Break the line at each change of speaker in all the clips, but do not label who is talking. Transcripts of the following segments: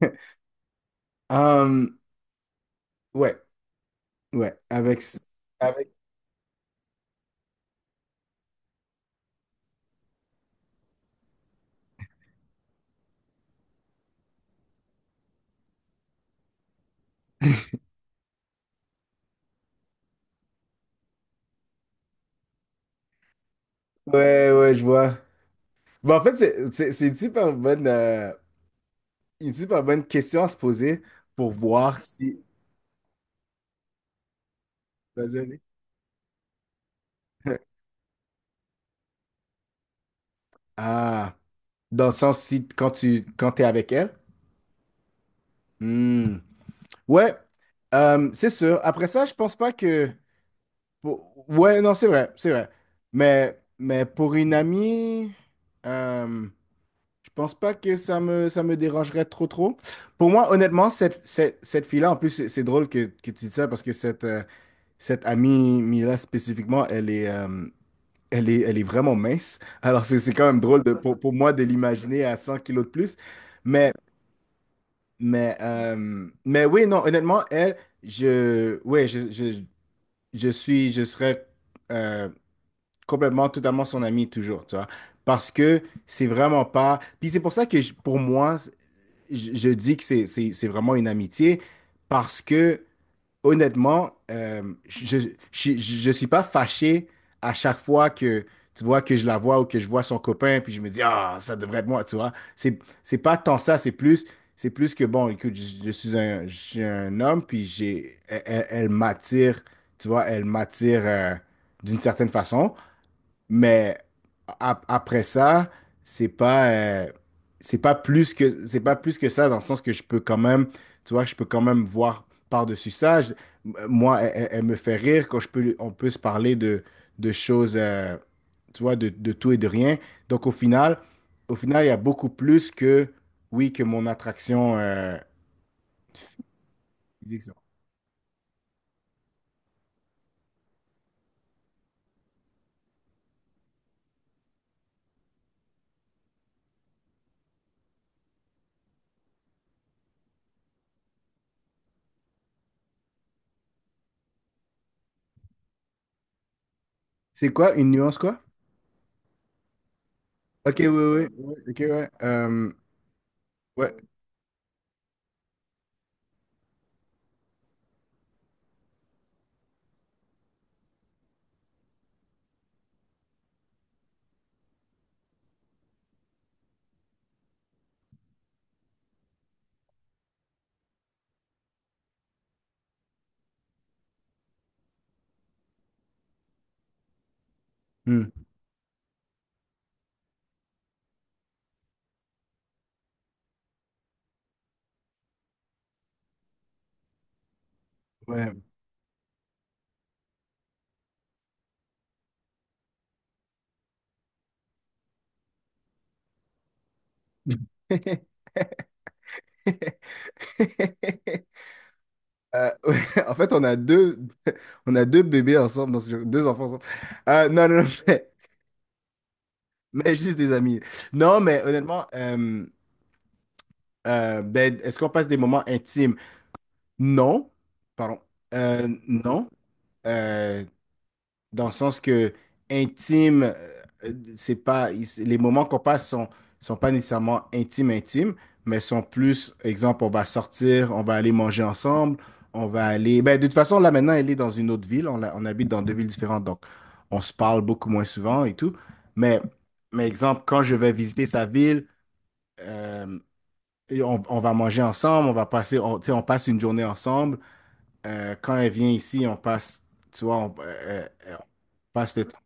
Euh, ouais, ouais, avec, avec, ouais, ouais, je vois. Bon, en fait, c'est une super bonne question à se poser pour voir si, vas-y, vas-y. Ah, dans le sens si quand t'es avec elle. Hmm. Ouais, c'est sûr. Après ça, je pense pas que, pour- ouais, non, c'est vrai, c'est vrai. Mais pour une amie, hum, je pense pas que ça me dérangerait trop trop. Pour moi, honnêtement, cette fille-là, en plus, c'est drôle que tu dis ça parce que cette amie Mila spécifiquement, elle est vraiment mince. Alors, c'est quand même drôle de, pour moi de l'imaginer à 100 kilos de plus. Mais, mais oui, non, honnêtement, elle, je, ouais, je suis, je serais euh, complètement, totalement son ami toujours, tu vois. Parce que c'est vraiment pas. Puis c'est pour ça que pour moi, je dis que c'est vraiment une amitié parce que, honnêtement, je- suis pas fâché à chaque fois que, tu vois, que je la vois ou que je vois son copain, puis je me dis, ah, ça devrait être moi, tu vois. C'est pas tant ça, c'est plus que, bon, écoute, je suis un homme, puis j'ai, elle m'attire, tu vois, elle m'attire d'une certaine façon. Mais après ça, c'est pas, euh, c'est pas plus que, c'est pas plus que ça, dans le sens que je peux quand même, tu vois, je peux quand même voir par-dessus ça. Moi, elle me fait rire quand je peux, on peut se parler de choses, tu vois, de tout et de rien. Donc au final, il y a beaucoup plus que, oui, que mon attraction physique. C'est quoi, une nuance, quoi? Ok, oui, oui, oui, ok, ouais. Ouais. Hmm. Ouais. Ouais, en fait, on a deux, on a deux bébés ensemble dans ce jeu, deux enfants ensemble. Non, non, non, mais juste des amis. Non, mais honnêtement, ben, est-ce qu'on passe des moments intimes? Non, pardon. Non. Euh, dans le sens que intime, c'est pas, il- les moments qu'on passe sont, sont pas nécessairement intimes, intimes, mais sont plus, exemple, on va sortir, on va aller manger ensemble, on va aller, ben, de toute façon, là, maintenant, elle est dans une autre ville, on habite dans deux villes différentes, donc on se parle beaucoup moins souvent et tout, mais, mais exemple, quand je vais visiter sa ville, euh, et on va manger ensemble, on va passer, on, tu sais, on passe une journée ensemble. Quand elle vient ici, on passe, tu vois, on passe le temps.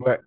Ouais,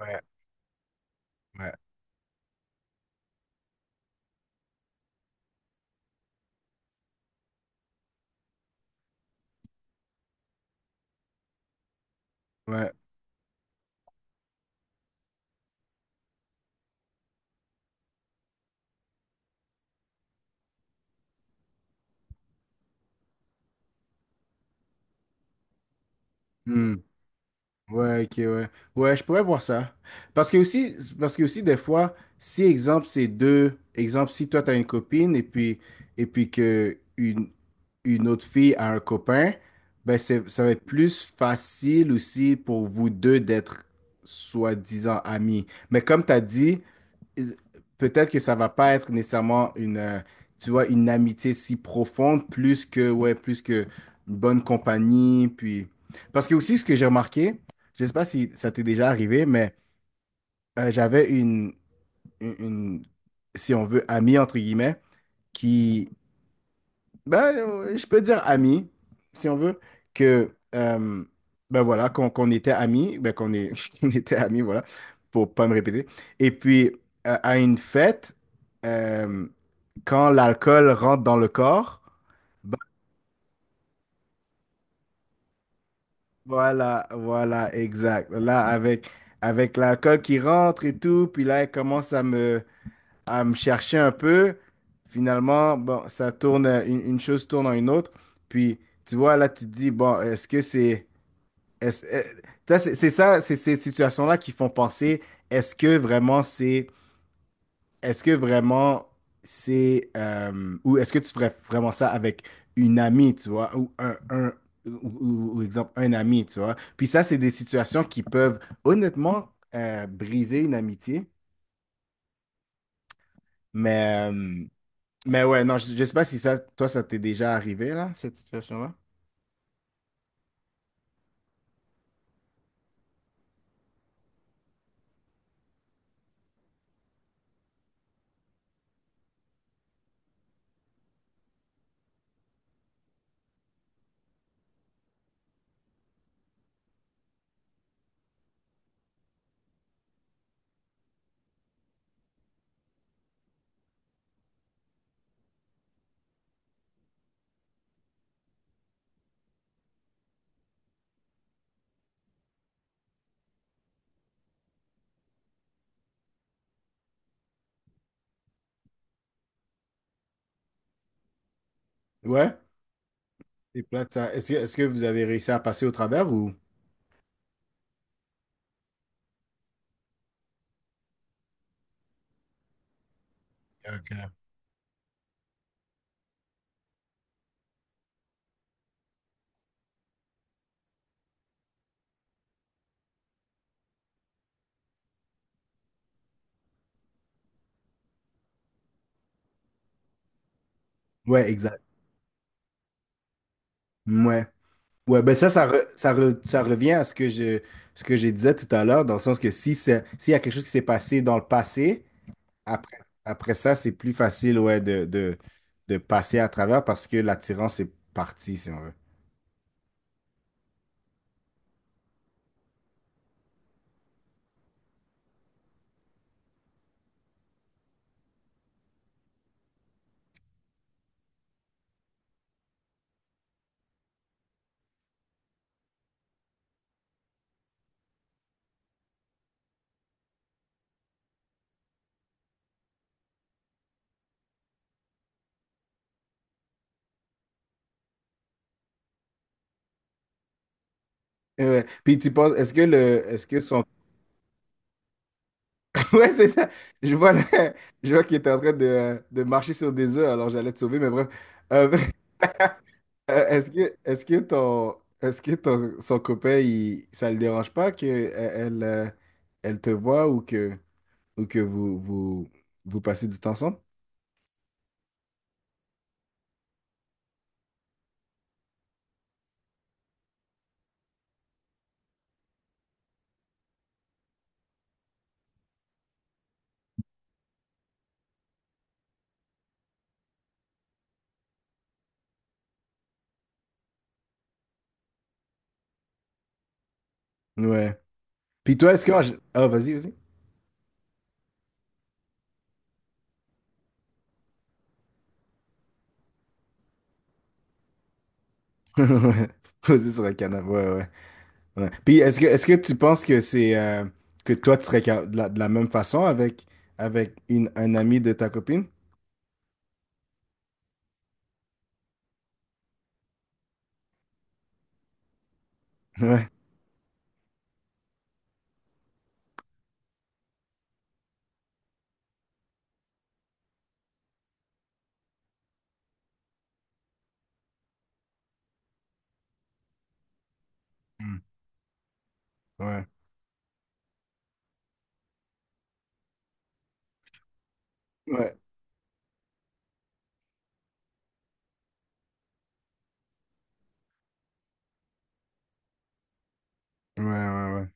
ouais, ouais, ouais. Hmm. Ouais, ok, ouais. Ouais, je pourrais voir ça. Parce que aussi des fois, si exemple c'est deux, exemple si toi t'as une copine et puis que une autre fille a un copain, ben c'est ça va être plus facile aussi pour vous deux d'être soi-disant amis. Mais comme t'as dit, peut-être que ça va pas être nécessairement une, tu vois, une amitié si profonde, plus que, ouais, plus que une bonne compagnie, puis... Parce que aussi, ce que j'ai remarqué, je sais pas si ça t'est déjà arrivé, mais j'avais une, une- si on veut, amie, entre guillemets, qui, ben, je peux dire amie, si on veut, que, euh, ben voilà, qu'on était amis, ben qu'on est, qu'on était amis, voilà, pour pas me répéter. Et puis, à une fête, euh, quand l'alcool rentre dans le corps, bah, voilà, voilà, exact. Là, avec, avec l'alcool qui rentre et tout, puis là, elle commence à me chercher un peu. Finalement, bon, ça tourne, une chose tourne en une autre. Puis, tu vois, là, tu te dis, bon, est-ce que c'est... est-ce- euh, ça, c'est ces situations-là qui font penser, est-ce que vraiment c'est Est-ce que vraiment c'est ou est-ce que tu ferais vraiment ça avec une amie, tu vois, un ou, ou exemple un ami, tu vois. Puis ça, c'est des situations qui peuvent honnêtement briser une amitié. Mais euh, mais ouais, non, je sais pas si ça, toi, ça t'est déjà arrivé là, cette situation-là. Ouais. C'est plate ça. Est-ce que vous avez réussi à passer au travers ou? Ok. Ouais, exact. Ouais. Ouais, ben ça, ça, ça revient à ce que ce que je disais tout à l'heure, dans le sens que si c'est- s'il y a quelque chose qui s'est passé dans le passé, après, après ça, c'est plus facile ouais, de passer à travers parce que l'attirance est partie, si on veut. Ouais. Puis tu penses, est-ce que son ouais, c'est ça. Je vois, je vois qu'il était en train de marcher sur des œufs, alors j'allais te sauver, mais bref. Euh, est-ce que son copain, il, ça le dérange pas que e- elle, elle te voit ou que vous passez du temps ensemble? Ouais. Puis toi, est-ce que... Ah, vas-y, vas-y. Ouais. Vas-y sur le canapé, ouais, ouais. Ouais. Puis est-ce que tu penses que c'est... que toi, tu serais de la même façon avec, avec une, un ami de ta copine? Ouais. Mm. Ouais. Ouais. Ouais, ouais, ouais.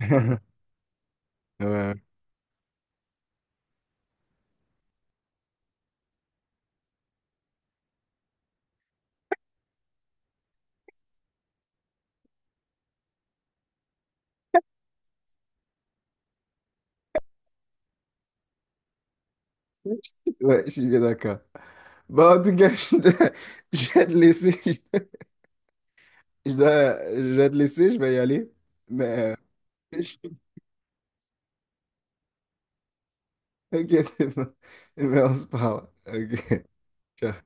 Ouais, ouais, je suis bien d'accord. Bon, en tout cas, je vais te laisser. Je vais te laisser, je vais y aller. Mais, euh, ok, c'est bon. Mais on se parle. Ok. Ciao.